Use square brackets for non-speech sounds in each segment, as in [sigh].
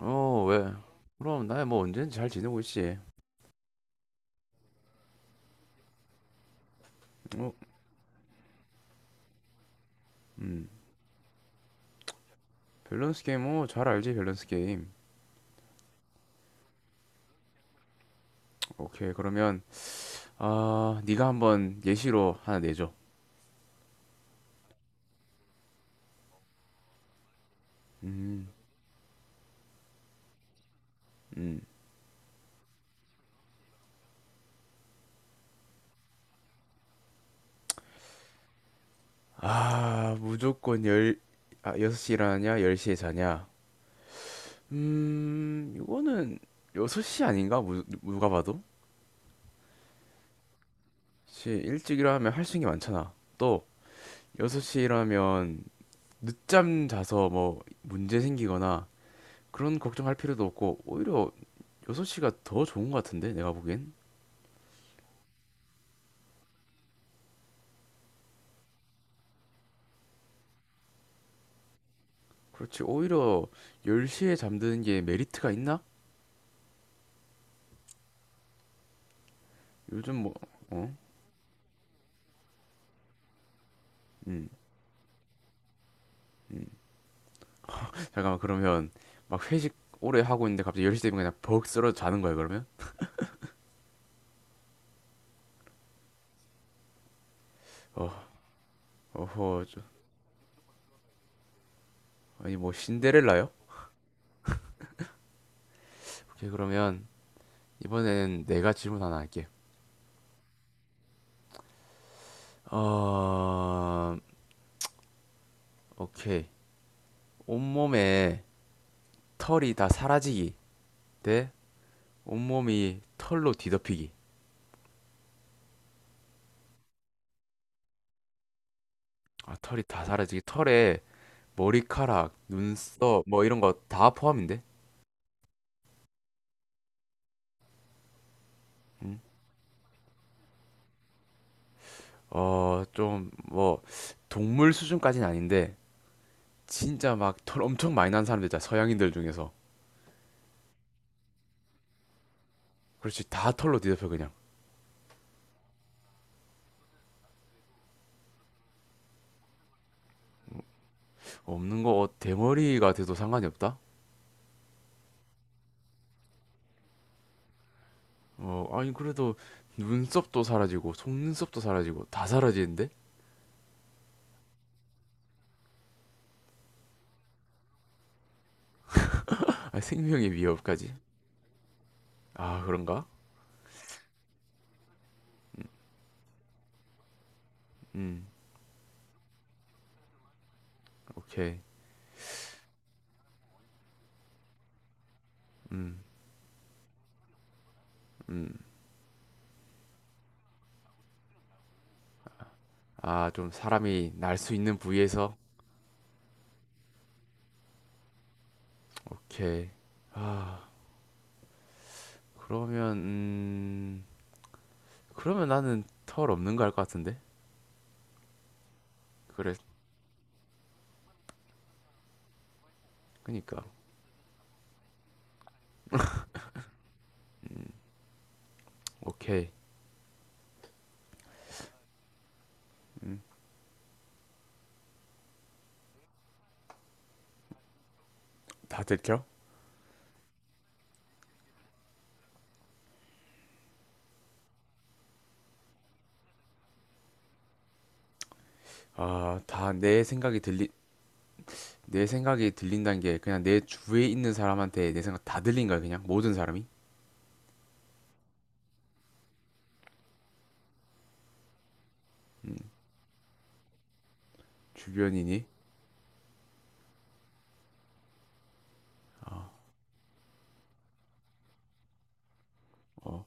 어, 왜? 그럼 나야 뭐 언제든지 잘 지내고 있지. 어, 음. 밸런스 게임, 어, 잘 알지, 밸런스 게임. 오케이, 그러면, 아, 네가 한번 예시로 하나 내줘. 음, 음. 아, 무조건 6시 일하냐, 10시에 자냐. 이거는 6시 아닌가? 누가 봐도? 시 일찍 일어나면 할 수 있는 게 많잖아. 또, 6시 일어나면 늦잠 자서 뭐 문제 생기거나 그런 걱정할 필요도 없고 오히려 6시가 더 좋은 것 같은데 내가 보기엔. 그렇지. 오히려 10시에 잠드는 게 메리트가 있나? 요즘 뭐. 어? 음. 잠깐만, 그러면 막 회식 오래 하고 있는데 갑자기 10시 되면 그냥 벅 쓰러져 자는 거야, 그러면? 어. 어허, 저, 아니 뭐 신데렐라요? 오케이, 그러면 이번엔 내가 질문 하나 할게. 어, 오케이. 온몸에 털이 다 사라지기 대 온몸이 털로 뒤덮이기. 아, 털이 다 사라지기. 털에 머리카락, 눈썹, 뭐 이런 거 다 포함인데? 음. 어, 좀, 뭐, 동물 수준까지는 아닌데, 진짜 막 털 엄청 많이 난 사람들 있잖아, 서양인들 중에서. 그렇지. 다 털로 뒤덮여, 그냥. 없는 거, 어, 대머리가 돼도 상관이 없다? 어, 아니, 그래도 눈썹도 사라지고, 속눈썹도 사라지고, 다 사라지는데? 아, 생명의 위협까지? 아, 그런가? 음. 오케이. 음, 음. 아, 좀 사람이 날 수 있는 부위에서. 오케이. 아, 그러면 그러면 나는 털 없는 거 할 것 같은데. 그래. 그니까. 오케이. 다 들켜? 아, 다 내 생각이 들리. 내 생각이 들린다는 게 그냥 내 주위에 있는 사람한테 내 생각 다 들린 거야, 그냥 모든 사람이. 음, 주변이니. 아, 어.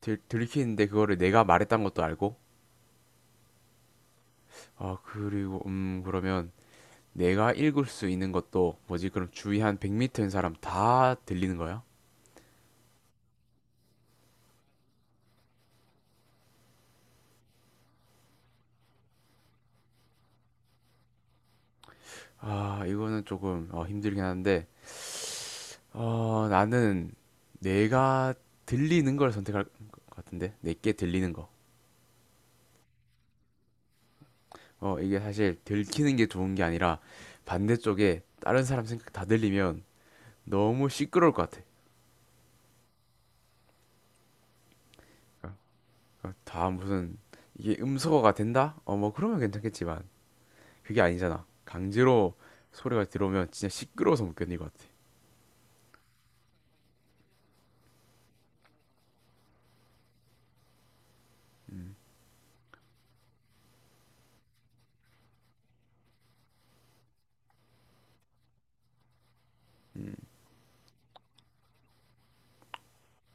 들키는데 그거를 내가 말했던 것도 알고. 아, 그리고 그러면 내가 읽을 수 있는 것도 뭐지? 그럼 주위 한 100m인 사람 다 들리는 거야? 아, 이거는 조금 어, 힘들긴 한데, 어, 나는 내가 들리는 걸 선택할 것 같은데, 내게 들리는 거. 어, 이게 사실 들키는 게 좋은 게 아니라 반대쪽에 다른 사람 생각 다 들리면 너무 시끄러울 것 같아. 그러니까 다 무슨, 이게 음소거가 된다? 어, 뭐 그러면 괜찮겠지만 그게 아니잖아. 강제로 소리가 들어오면 진짜 시끄러워서 못 견딜 것 같아.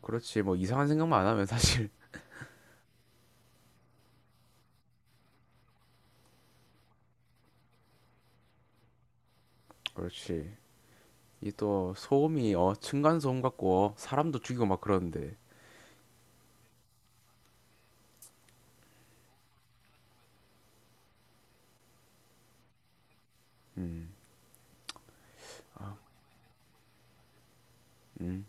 그렇지, 뭐 이상한 생각만 안 하면 사실. [laughs] 그렇지. 이 또 소음이 어 층간 소음 같고 어, 사람도 죽이고 막 그러는데. 음. 음.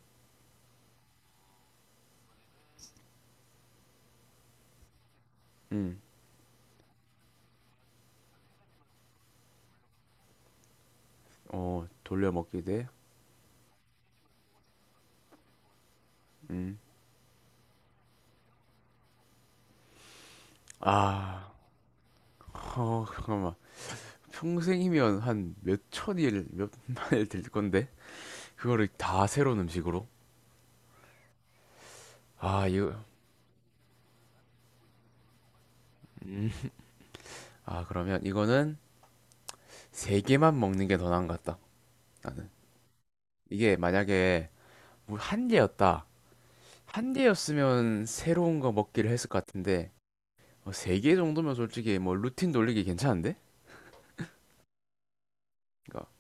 음. 어, 돌려 먹기. 돼음아어. 잠깐만, 평생이면 한 몇 천일 몇만일 될 건데 그거를 다 새로운 음식으로. 아 이거. 음. 아, 그러면 이거는 세 개만 먹는 게 더 나은 것 같다, 나는. 이게 만약에 뭐 한 개였다, 한 개였으면 새로운 거 먹기를 했을 것 같은데. 어, 세개 정도면 솔직히 뭐 루틴 돌리기 괜찮은데? 그러니까.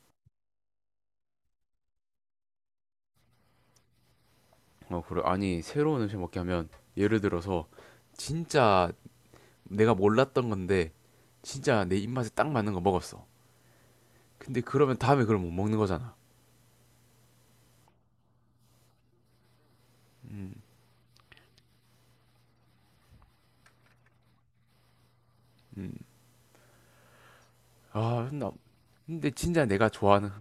어, 그래. 아니, 새로운 음식 먹게 하면 예를 들어서 진짜 내가 몰랐던 건데 진짜 내 입맛에 딱 맞는 거 먹었어. 근데 그러면 다음에 그걸 못 먹는 거잖아. 음. 아, 나 근데 진짜 내가 좋아하는.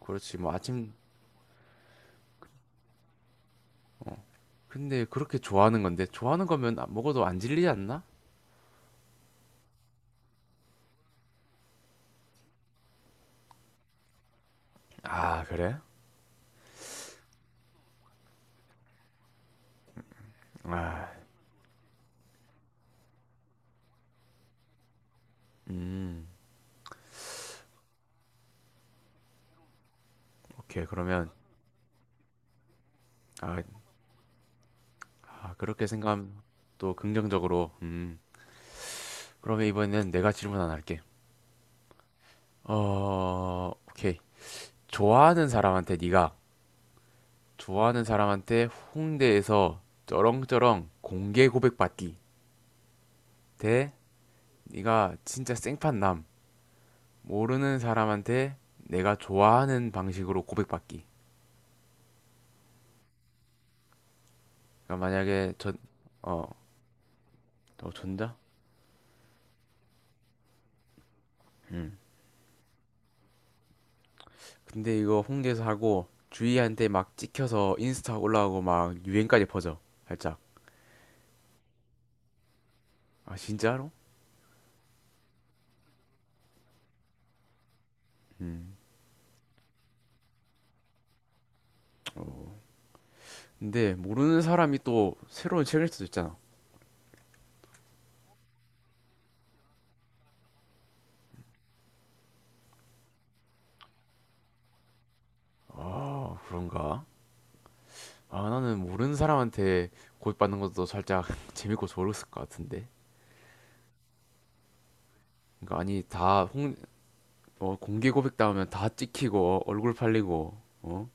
그렇지, 뭐 아침. 근데 그렇게 좋아하는 건데 좋아하는 거면 안- 먹어도 안 질리지 않나? 아 그래? 아, 음, 오케이. 그러면 아, 아 그렇게 생각하면 또 긍정적으로. 음. 그러면 이번에는 내가 질문 하나 할게. 어, 오케이. 좋아하는 사람한테 네가, 좋아하는 사람한테 홍대에서 쩌렁쩌렁 공개 고백 받기 대 네가 진짜 생판 남 모르는 사람한테 내가 좋아하는 방식으로 고백 받기. 그러니까 만약에 전어, 전자. 응. 근데 이거 홍대에서 하고 주희한테 막 찍혀서 인스타 올라오고 막 유행까지 퍼져. 살짝. 아, 진짜로? 음. 어. 근데 모르는 사람이 또 새로운 책일 수도 있잖아. 아 그런가? 아, 나는 모르는 사람한테 고백받는 것도 살짝 [laughs] 재밌고 좋았을 것 같은데. 그러니까 아니 다 홍, 어, 공개 고백 당하면 다 찍히고 어, 얼굴 팔리고 어?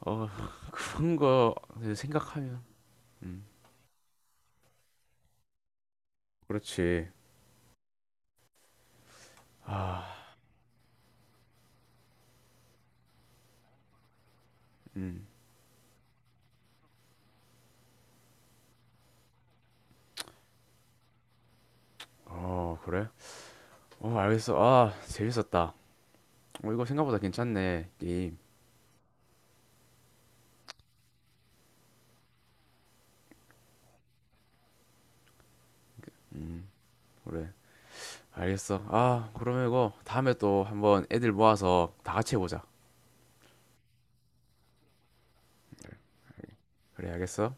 어, [laughs] 그런 거 생각하면. 음. 그렇지. 아, 음. 어, 그래? 어, 알겠어. 아, 재밌었다. 어, 이거 생각보다 괜찮네, 게임. 음. 그래. 알겠어. 아, 그러면 이거 다음에 또 한번 애들 모아서 다 같이 해보자. 그래, 알겠어?